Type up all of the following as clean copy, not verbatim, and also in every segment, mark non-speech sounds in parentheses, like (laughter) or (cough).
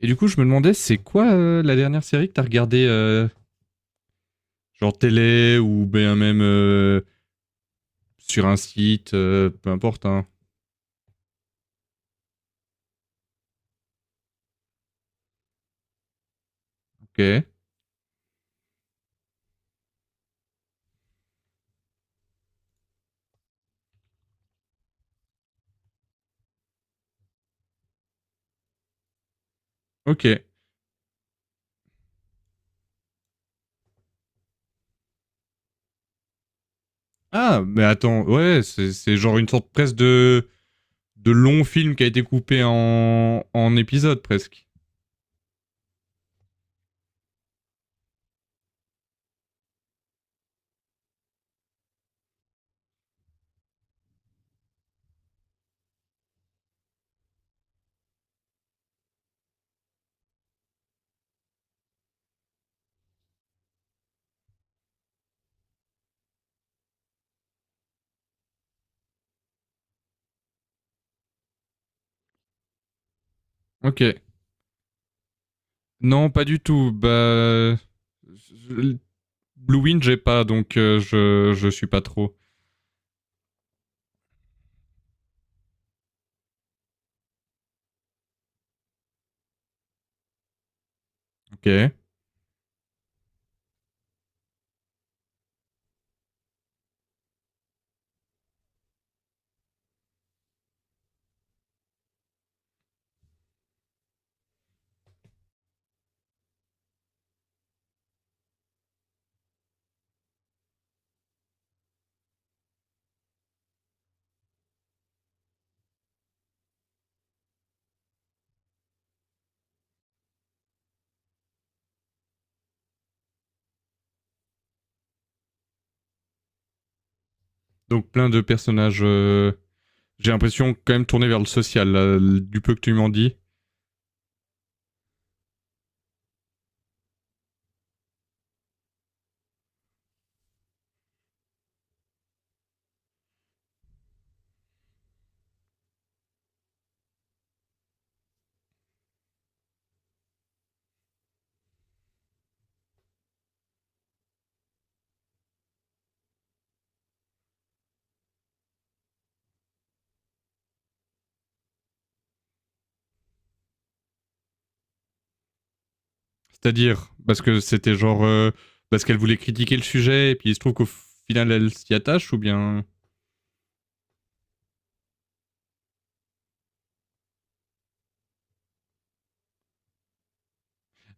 Et du coup, je me demandais, c'est quoi la dernière série que t'as regardée, genre télé ou bien même sur un site, peu importe. Hein. Ok, ok. Ah, mais attends, ouais, c'est genre une sorte presque de long film qui a été coupé en, en épisodes presque. Ok. Non, pas du tout. Bah, je- Blue Wind, j'ai pas, donc je suis pas trop. Ok. Donc plein de personnages. J'ai l'impression quand même tourné vers le social, là, du peu que tu m'en dis. C'est-à-dire, parce que c'était genre, parce qu'elle voulait critiquer le sujet, et puis il se trouve qu'au final, elle s'y attache, ou bien.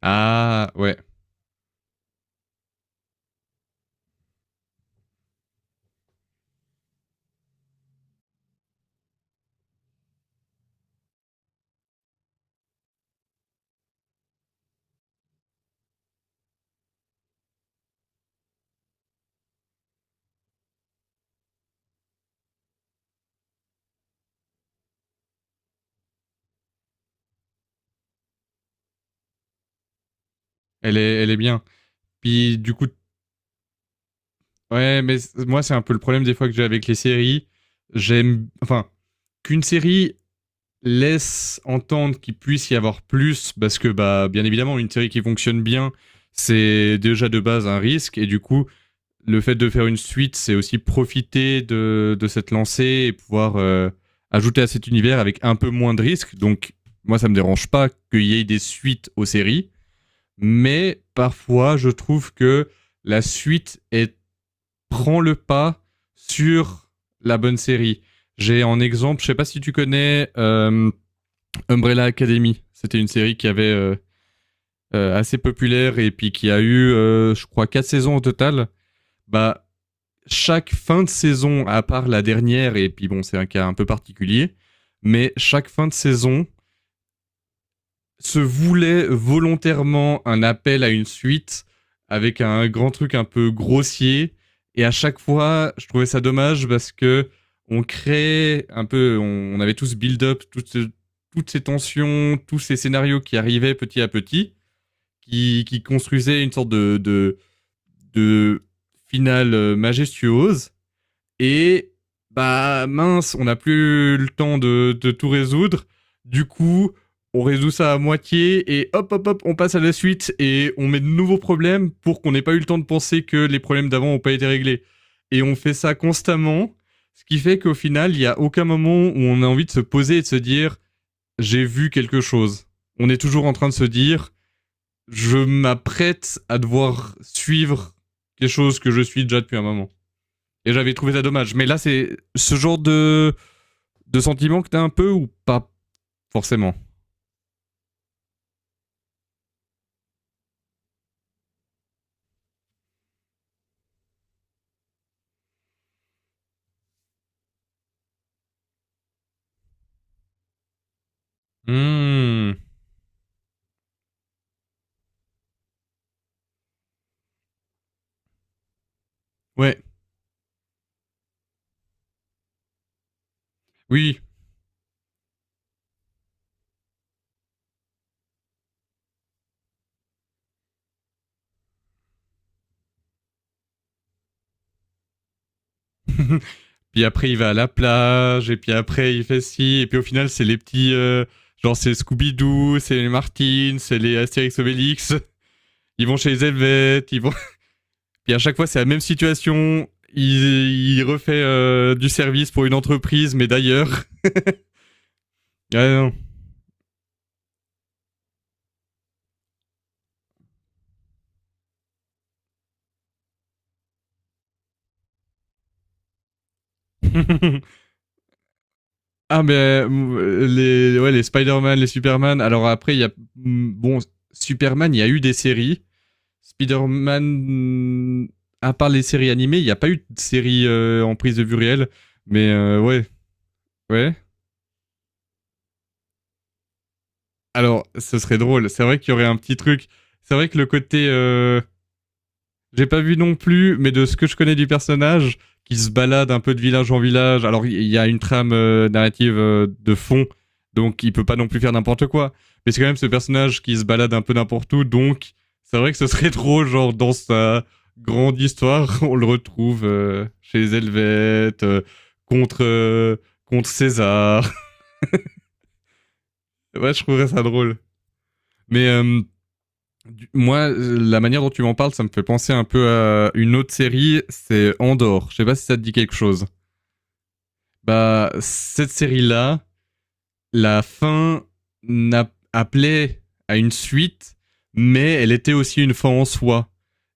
Ah, ouais. Elle est bien. Puis, du coup, ouais, mais moi, c'est un peu le problème des fois que j'ai avec les séries. J'aime. Enfin, qu'une série laisse entendre qu'il puisse y avoir plus, parce que, bah, bien évidemment, une série qui fonctionne bien, c'est déjà de base un risque, et du coup, le fait de faire une suite, c'est aussi profiter de cette lancée et pouvoir ajouter à cet univers avec un peu moins de risques. Donc, moi, ça me dérange pas qu'il y ait des suites aux séries, mais parfois, je trouve que la suite est, prend le pas sur la bonne série. J'ai en exemple, je sais pas si tu connais Umbrella Academy. C'était une série qui avait assez populaire et puis qui a eu, je crois, 4 saisons au total. Bah, chaque fin de saison, à part la dernière, et puis bon, c'est un cas un peu particulier, mais chaque fin de saison se voulait volontairement un appel à une suite avec un grand truc un peu grossier. Et à chaque fois, je trouvais ça dommage parce que on créait un peu, on, avait tous build-up toutes, ce- toutes ces tensions, tous ces scénarios qui arrivaient petit à petit, qui construisaient une sorte de finale majestueuse. Et bah mince, on n'a plus le temps de tout résoudre. Du coup, on résout ça à moitié et hop, hop, hop, on passe à la suite et on met de nouveaux problèmes pour qu'on n'ait pas eu le temps de penser que les problèmes d'avant n'ont pas été réglés. Et on fait ça constamment, ce qui fait qu'au final, il n'y a aucun moment où on a envie de se poser et de se dire j'ai vu quelque chose. On est toujours en train de se dire je m'apprête à devoir suivre quelque chose que je suis déjà depuis un moment. Et j'avais trouvé ça dommage. Mais là, c'est ce genre de sentiment que t'as un peu ou pas forcément. Hmm. Ouais, oui. Puis après, il va à la plage, et puis après, il fait ci, et puis au final, c'est les petits, genre, c'est Scooby-Doo, c'est les Martins, c'est les Astérix Obélix. (laughs) Ils vont chez les Helvètes, ils vont. (laughs) Puis à chaque fois, c'est la même situation. Il refait du service pour une entreprise, mais d'ailleurs. Ah non. (laughs) Ah, mais les, ouais, les Spider-Man, les Superman. Alors après, il y a. Bon, Superman, il y a eu des séries. Spider-Man, à part les séries animées, il n'y a pas eu de série en prise de vue réelle. Mais ouais, ouais. Alors, ce serait drôle. C'est vrai qu'il y aurait un petit truc. C'est vrai que le côté J'ai pas vu non plus, mais de ce que je connais du personnage, qui se balade un peu de village en village. Alors il y a une trame narrative de fond, donc il peut pas non plus faire n'importe quoi. Mais c'est quand même ce personnage qui se balade un peu n'importe où, donc c'est vrai que ce serait (laughs) trop genre dans sa grande histoire, on le retrouve chez les Helvètes, contre, contre César. (laughs) ouais, je trouverais ça drôle. Mais Moi, la manière dont tu m'en parles, ça me fait penser un peu à une autre série, c'est Andor. Je sais pas si ça te dit quelque chose. Bah, cette série-là, la fin n'a- appelait à une suite, mais elle était aussi une fin en soi.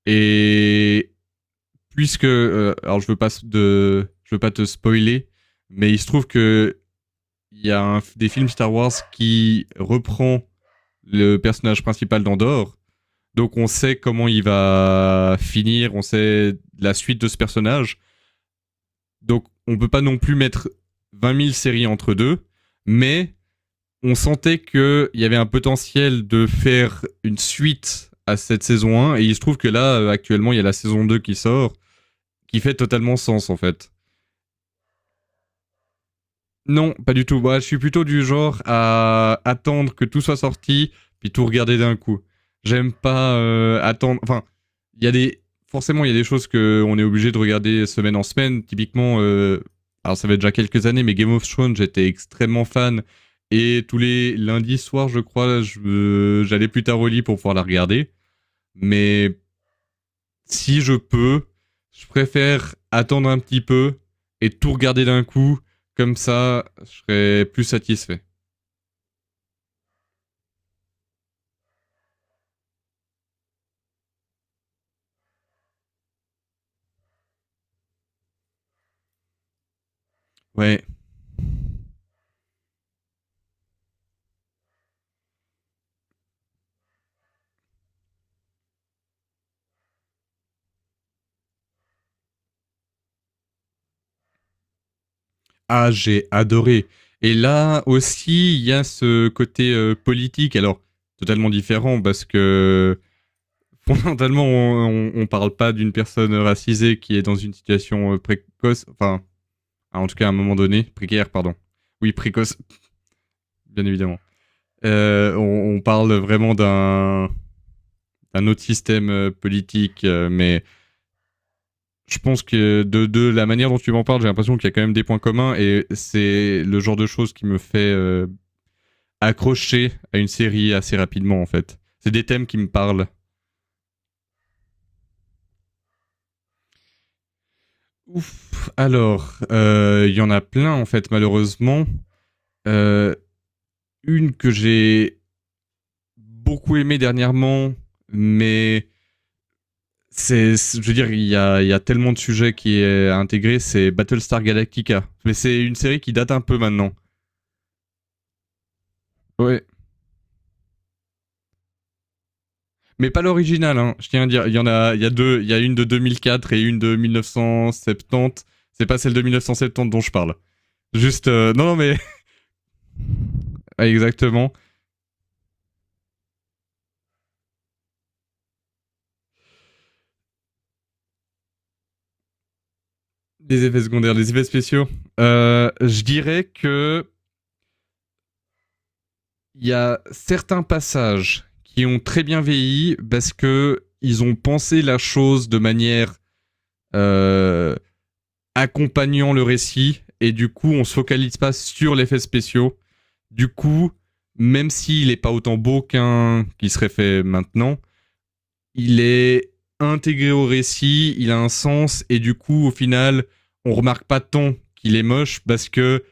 Et puisque, alors je veux pas de, je veux pas te spoiler, mais il se trouve que il y a un des films Star Wars qui reprend le personnage principal d'Andor. Donc on sait comment il va finir, on sait la suite de ce personnage. Donc on peut pas non plus mettre 20 000 séries entre deux, mais on sentait qu'il y avait un potentiel de faire une suite à cette saison un, et il se trouve que là, actuellement, il y a la saison 2 qui sort, qui fait totalement sens en fait. Non, pas du tout. Moi, je suis plutôt du genre à attendre que tout soit sorti, puis tout regarder d'un coup. J'aime pas attendre. Enfin, il y a des. Forcément, il y a des choses qu'on est obligé de regarder semaine en semaine. Typiquement, alors ça fait déjà quelques années, mais Game of Thrones, j'étais extrêmement fan. Et tous les lundis soirs, je crois, je- j'allais je... plus tard au lit pour pouvoir la regarder. Mais si je peux, je préfère attendre un petit peu et tout regarder d'un coup. Comme ça, je serais plus satisfait. Ouais. Ah, j'ai adoré. Et là aussi, il y a ce côté politique. Alors, totalement différent parce que (laughs) fondamentalement, on, parle pas d'une personne racisée qui est dans une situation précoce, enfin, en tout cas à un moment donné, précaire, pardon. Oui, précoce, bien évidemment. On, parle vraiment d'un un autre système politique, mais je pense que de la manière dont tu m'en parles, j'ai l'impression qu'il y a quand même des points communs et c'est le genre de choses qui me fait accrocher à une série assez rapidement en fait. C'est des thèmes qui me parlent. Ouf, alors, il y en a plein en fait malheureusement. Euh, une que j'ai beaucoup aimée dernièrement, mais c'est, je veux dire, il y a tellement de sujets qui est intégré, c'est Battlestar Galactica. Mais c'est une série qui date un peu maintenant. Ouais, mais pas l'original, hein. Je tiens à dire. Il y en a, il y a deux. Il y a une de 2004 et une de 1970. C'est pas celle de 1970 dont je parle. Juste, non, non, mais (laughs) exactement. Les effets secondaires, les effets spéciaux. Je dirais que il y a certains passages qui ont très bien vieilli parce que ils ont pensé la chose de manière euh, accompagnant le récit et du coup on se focalise pas sur l'effet spéciaux. Du coup, même s'il n'est pas autant beau qu'un qui serait fait maintenant, il est intégré au récit, il a un sens, et du coup, au final, on remarque pas tant qu'il est moche parce que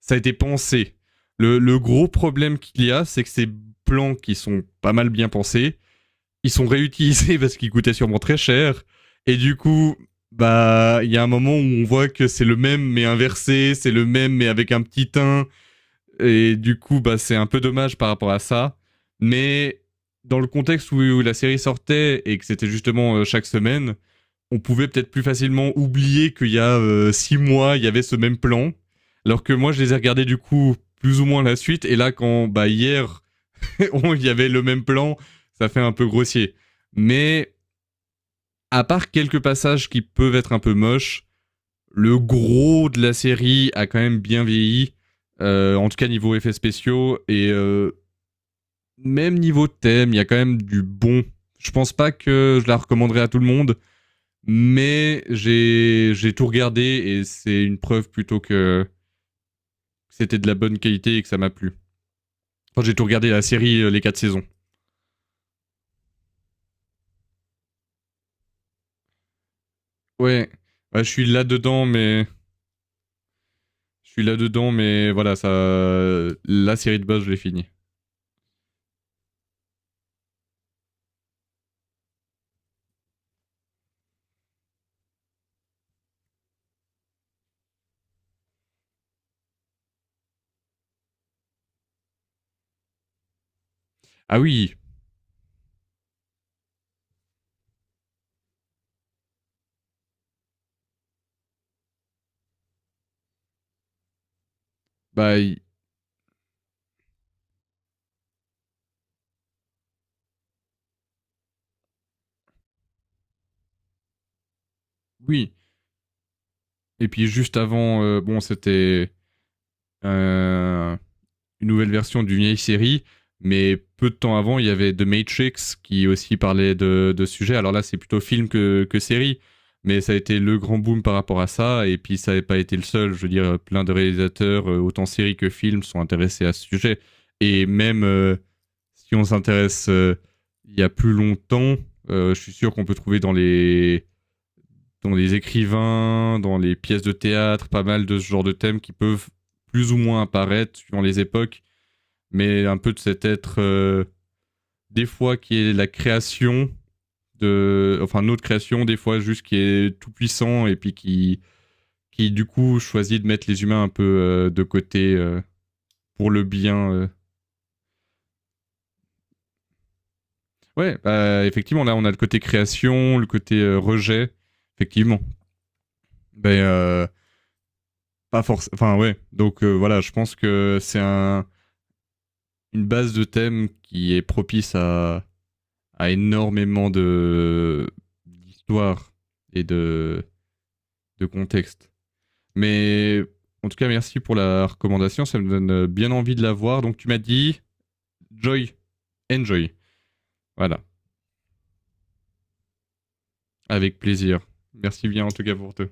ça a été pensé. Le gros problème qu'il y a, c'est que ces plans qui sont pas mal bien pensés, ils sont réutilisés (laughs) parce qu'ils coûtaient sûrement très cher, et du coup, bah, il y a un moment où on voit que c'est le même mais inversé, c'est le même mais avec un petit teint, et du coup, bah, c'est un peu dommage par rapport à ça. Mais dans le contexte où, où la série sortait et que c'était justement chaque semaine, on pouvait peut-être plus facilement oublier qu'il y a 6 mois, il y avait ce même plan. Alors que moi, je les ai regardés du coup plus ou moins la suite. Et là, quand bah, hier, il (laughs) y avait le même plan, ça fait un peu grossier. Mais à part quelques passages qui peuvent être un peu moches, le gros de la série a quand même bien vieilli. En tout cas, niveau effets spéciaux. Et même niveau thème, il y a quand même du bon. Je pense pas que je la recommanderais à tout le monde, mais j'ai tout regardé et c'est une preuve plutôt que c'était de la bonne qualité et que ça m'a plu. Enfin, j'ai tout regardé la série les 4 saisons. Ouais, ouais je suis là dedans, mais je suis là dedans, mais voilà, ça, la série de base, je l'ai finie. Ah oui, bah y- oui. Et puis juste avant, bon, c'était euh, une nouvelle version d'une vieille série, mais peu de temps avant, il y avait The Matrix qui aussi parlait de ce sujet. Alors là, c'est plutôt film que série, mais ça a été le grand boom par rapport à ça. Et puis ça n'avait pas été le seul. Je veux dire, plein de réalisateurs, autant séries que films, sont intéressés à ce sujet. Et même si on s'intéresse il y a plus longtemps, je suis sûr qu'on peut trouver dans les écrivains, dans les pièces de théâtre, pas mal de ce genre de thèmes qui peuvent plus ou moins apparaître suivant les époques, mais un peu de cet être des fois qui est la création de, enfin notre création, des fois juste qui est tout puissant et puis qui du coup choisit de mettre les humains un peu de côté pour le bien. Ouais, bah, effectivement là on a le côté création, le côté rejet, effectivement. Ben pas forcément. Enfin ouais, donc voilà, je pense que c'est un une base de thèmes qui est propice à énormément de d'histoire et de contexte. Mais en tout cas, merci pour la recommandation. Ça me donne bien envie de la voir. Donc, tu m'as dit Joy, enjoy. Voilà, avec plaisir. Merci bien en tout cas pour toi